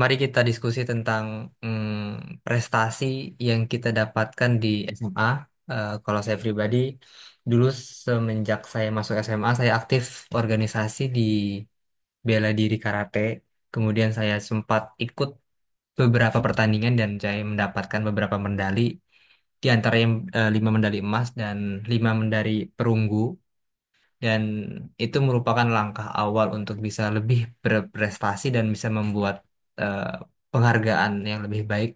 Mari kita diskusi tentang prestasi yang kita dapatkan di SMA. Kalau saya pribadi, dulu semenjak saya masuk SMA, saya aktif organisasi di bela diri karate. Kemudian saya sempat ikut beberapa pertandingan dan saya mendapatkan beberapa medali, di antara lima medali emas dan lima medali perunggu. Dan itu merupakan langkah awal untuk bisa lebih berprestasi dan bisa membuat eh, penghargaan yang lebih baik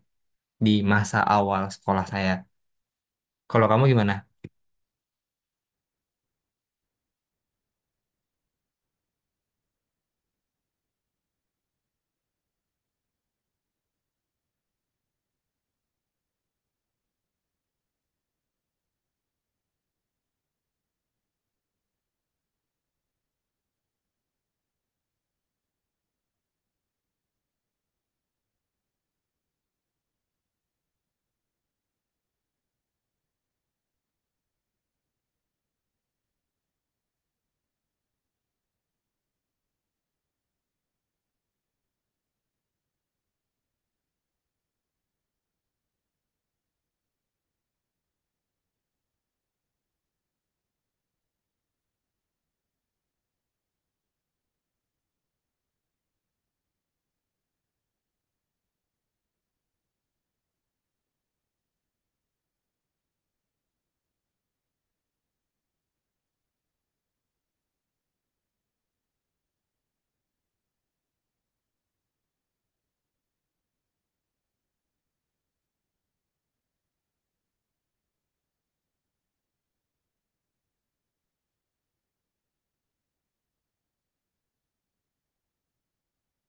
di masa awal sekolah saya. Kalau kamu gimana?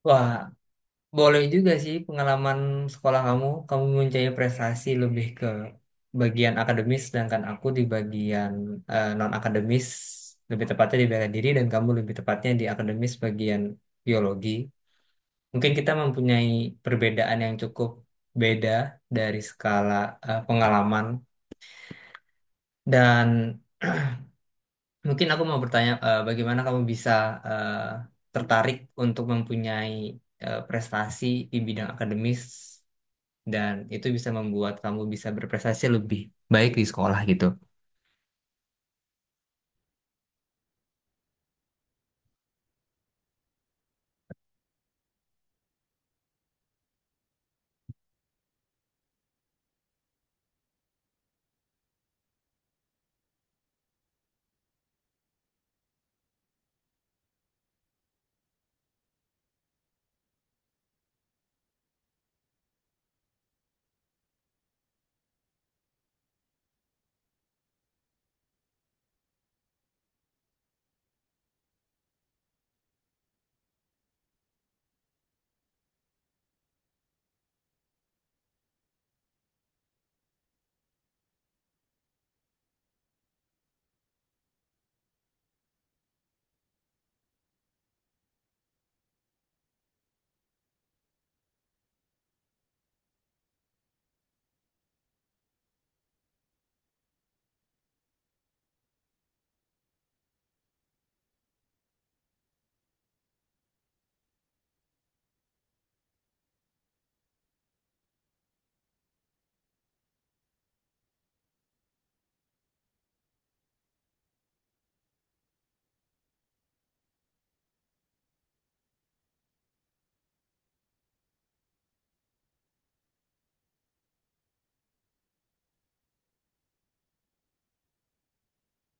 Wah, boleh juga sih pengalaman sekolah kamu. Kamu mempunyai prestasi lebih ke bagian akademis, sedangkan aku di bagian non-akademis, lebih tepatnya di bela diri, dan kamu lebih tepatnya di akademis bagian biologi. Mungkin kita mempunyai perbedaan yang cukup beda dari skala pengalaman dan mungkin aku mau bertanya bagaimana kamu bisa eh, tertarik untuk mempunyai prestasi di bidang akademis dan itu bisa membuat kamu bisa berprestasi lebih baik di sekolah gitu.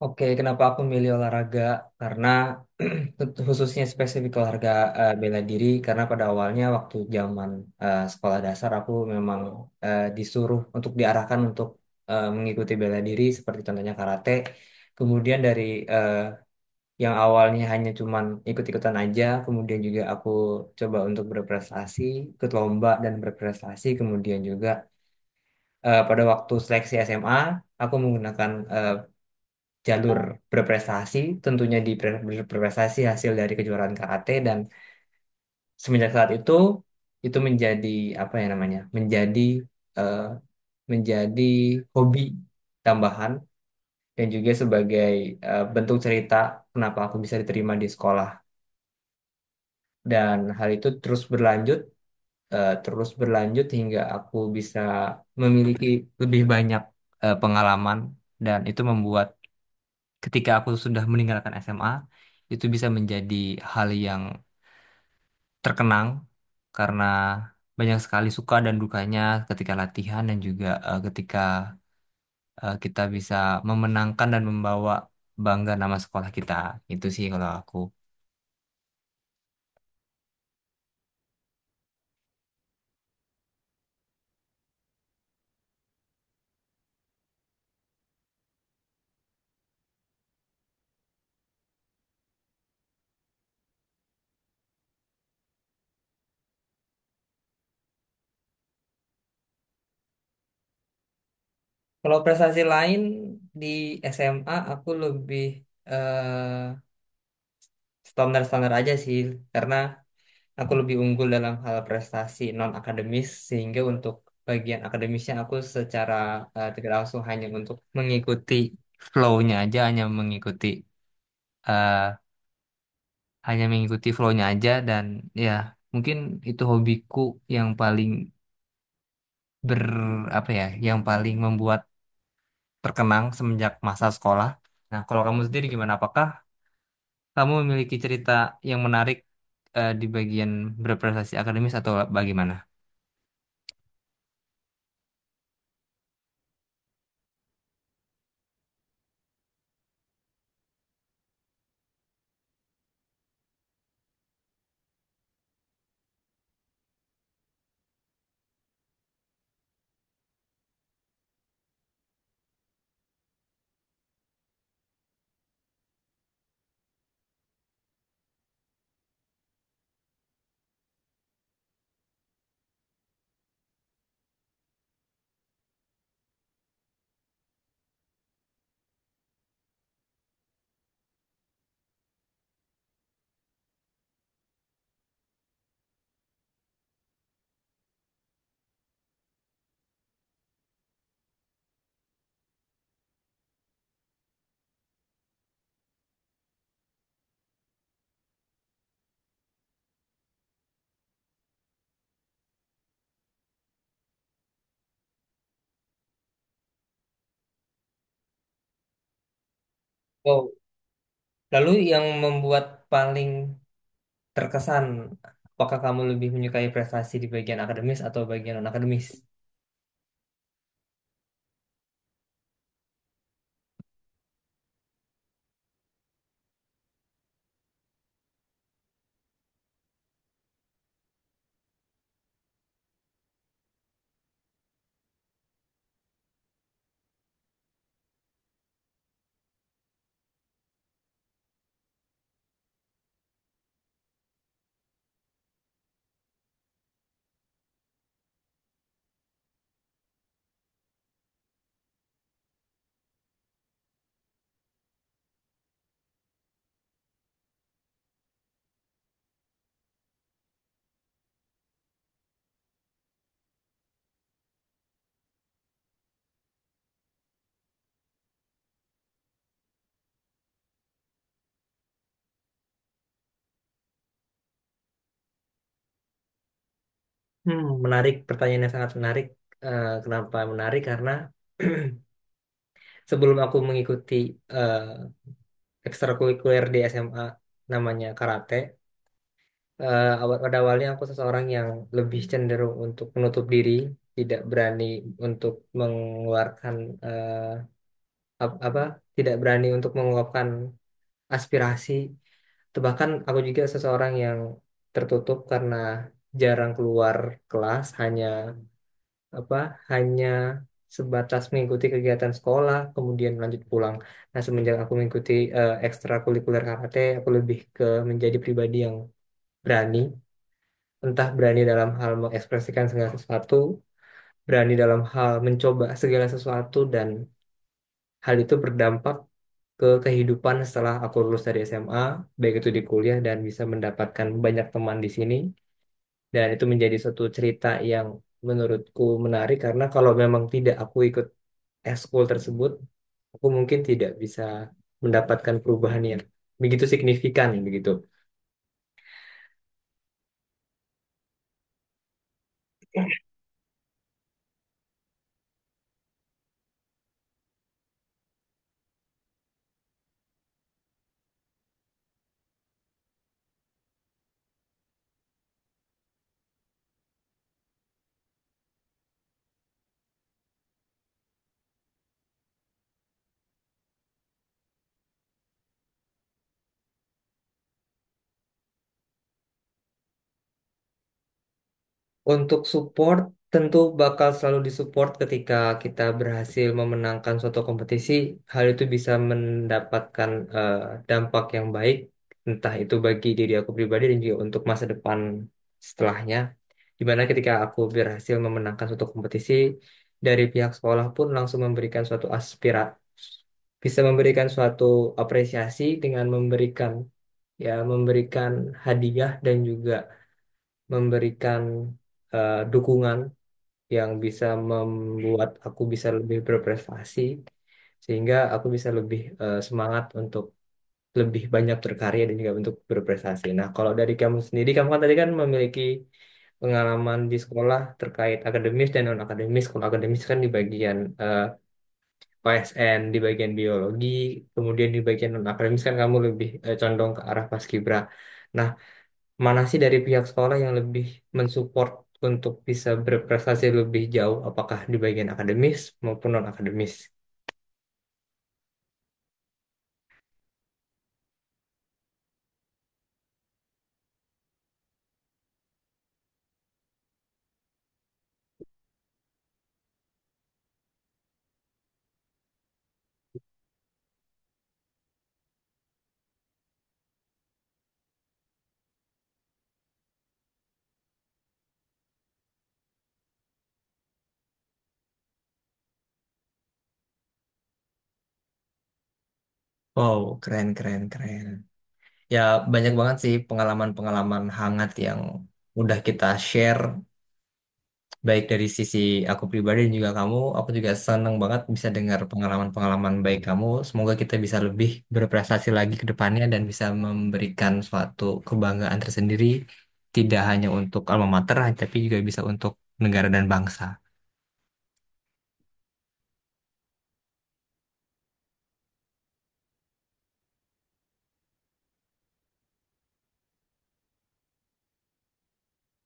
Oke, kenapa aku milih olahraga? Karena khususnya spesifik olahraga bela diri, karena pada awalnya waktu zaman sekolah dasar aku memang disuruh untuk diarahkan untuk mengikuti bela diri seperti contohnya karate. Kemudian dari eh, yang awalnya hanya cuman ikut-ikutan aja, kemudian juga aku coba untuk berprestasi, ikut lomba dan berprestasi, kemudian juga pada waktu seleksi SMA aku menggunakan jalur berprestasi, tentunya di berprestasi hasil dari kejuaraan karate dan semenjak saat itu menjadi apa ya namanya? Menjadi eh, menjadi hobi tambahan dan juga sebagai bentuk cerita kenapa aku bisa diterima di sekolah. Dan hal itu terus berlanjut hingga aku bisa memiliki lebih banyak pengalaman dan itu membuat ketika aku sudah meninggalkan SMA itu bisa menjadi hal yang terkenang karena banyak sekali suka dan dukanya ketika latihan dan juga ketika kita bisa memenangkan dan membawa bangga nama sekolah kita. Itu sih kalau aku. Kalau prestasi lain di SMA aku lebih eh, standar-standar aja sih karena aku lebih unggul dalam hal prestasi non akademis sehingga untuk bagian akademisnya aku secara tidak langsung hanya untuk mengikuti flow-nya aja eh, hanya mengikuti flow-nya aja dan ya mungkin itu hobiku yang paling ber apa ya yang paling membuat terkenang semenjak masa sekolah. Nah, kalau kamu sendiri gimana? Apakah kamu memiliki cerita yang menarik di bagian berprestasi akademis atau bagaimana? Lalu yang membuat paling terkesan, apakah kamu lebih menyukai prestasi di bagian akademis atau bagian non-akademis? Hmm, menarik, pertanyaan yang sangat menarik. Eh, kenapa menarik? Karena sebelum aku mengikuti eh ekstrakurikuler di SMA namanya karate, pada awalnya aku seseorang yang lebih cenderung untuk menutup diri, tidak berani untuk mengeluarkan eh, ap- apa, tidak berani untuk mengungkapkan aspirasi. Atau bahkan aku juga seseorang yang tertutup karena jarang keluar kelas, apa, hanya sebatas mengikuti kegiatan sekolah, kemudian lanjut pulang. Nah, semenjak aku mengikuti ekstrakurikuler karate, aku lebih ke menjadi pribadi yang berani, entah berani dalam hal mengekspresikan segala sesuatu, berani dalam hal mencoba segala sesuatu dan hal itu berdampak ke kehidupan setelah aku lulus dari SMA, baik itu di kuliah dan bisa mendapatkan banyak teman di sini. Dan itu menjadi suatu cerita yang menurutku menarik karena kalau memang tidak aku ikut eskul tersebut, aku mungkin tidak bisa mendapatkan perubahan yang begitu signifikan begitu. Untuk support tentu bakal selalu disupport ketika kita berhasil memenangkan suatu kompetisi. Hal itu bisa mendapatkan eh, dampak yang baik, entah itu bagi diri aku pribadi dan juga untuk masa depan setelahnya. Dimana ketika aku berhasil memenangkan suatu kompetisi, dari pihak sekolah pun langsung memberikan suatu aspira, bisa memberikan suatu apresiasi dengan memberikan ya memberikan hadiah dan juga memberikan dukungan yang bisa membuat aku bisa lebih berprestasi sehingga aku bisa lebih semangat untuk lebih banyak berkarya dan juga untuk berprestasi. Nah, kalau dari kamu sendiri, kamu kan tadi kan memiliki pengalaman di sekolah terkait akademis dan non akademis. Kalau akademis kan di bagian eh, OSN, di bagian biologi, kemudian di bagian non akademis kan kamu lebih condong ke arah paskibra. Nah, mana sih dari pihak sekolah yang lebih mensupport untuk bisa berprestasi lebih jauh, apakah di bagian akademis maupun non-akademis? Wow, keren, keren, keren. Ya, banyak banget sih pengalaman-pengalaman hangat yang udah kita share baik dari sisi aku pribadi dan juga kamu, aku juga senang banget bisa dengar pengalaman-pengalaman baik kamu. Semoga kita bisa lebih berprestasi lagi ke depannya dan bisa memberikan suatu kebanggaan tersendiri, tidak hanya untuk alma mater, tapi juga bisa untuk negara dan bangsa.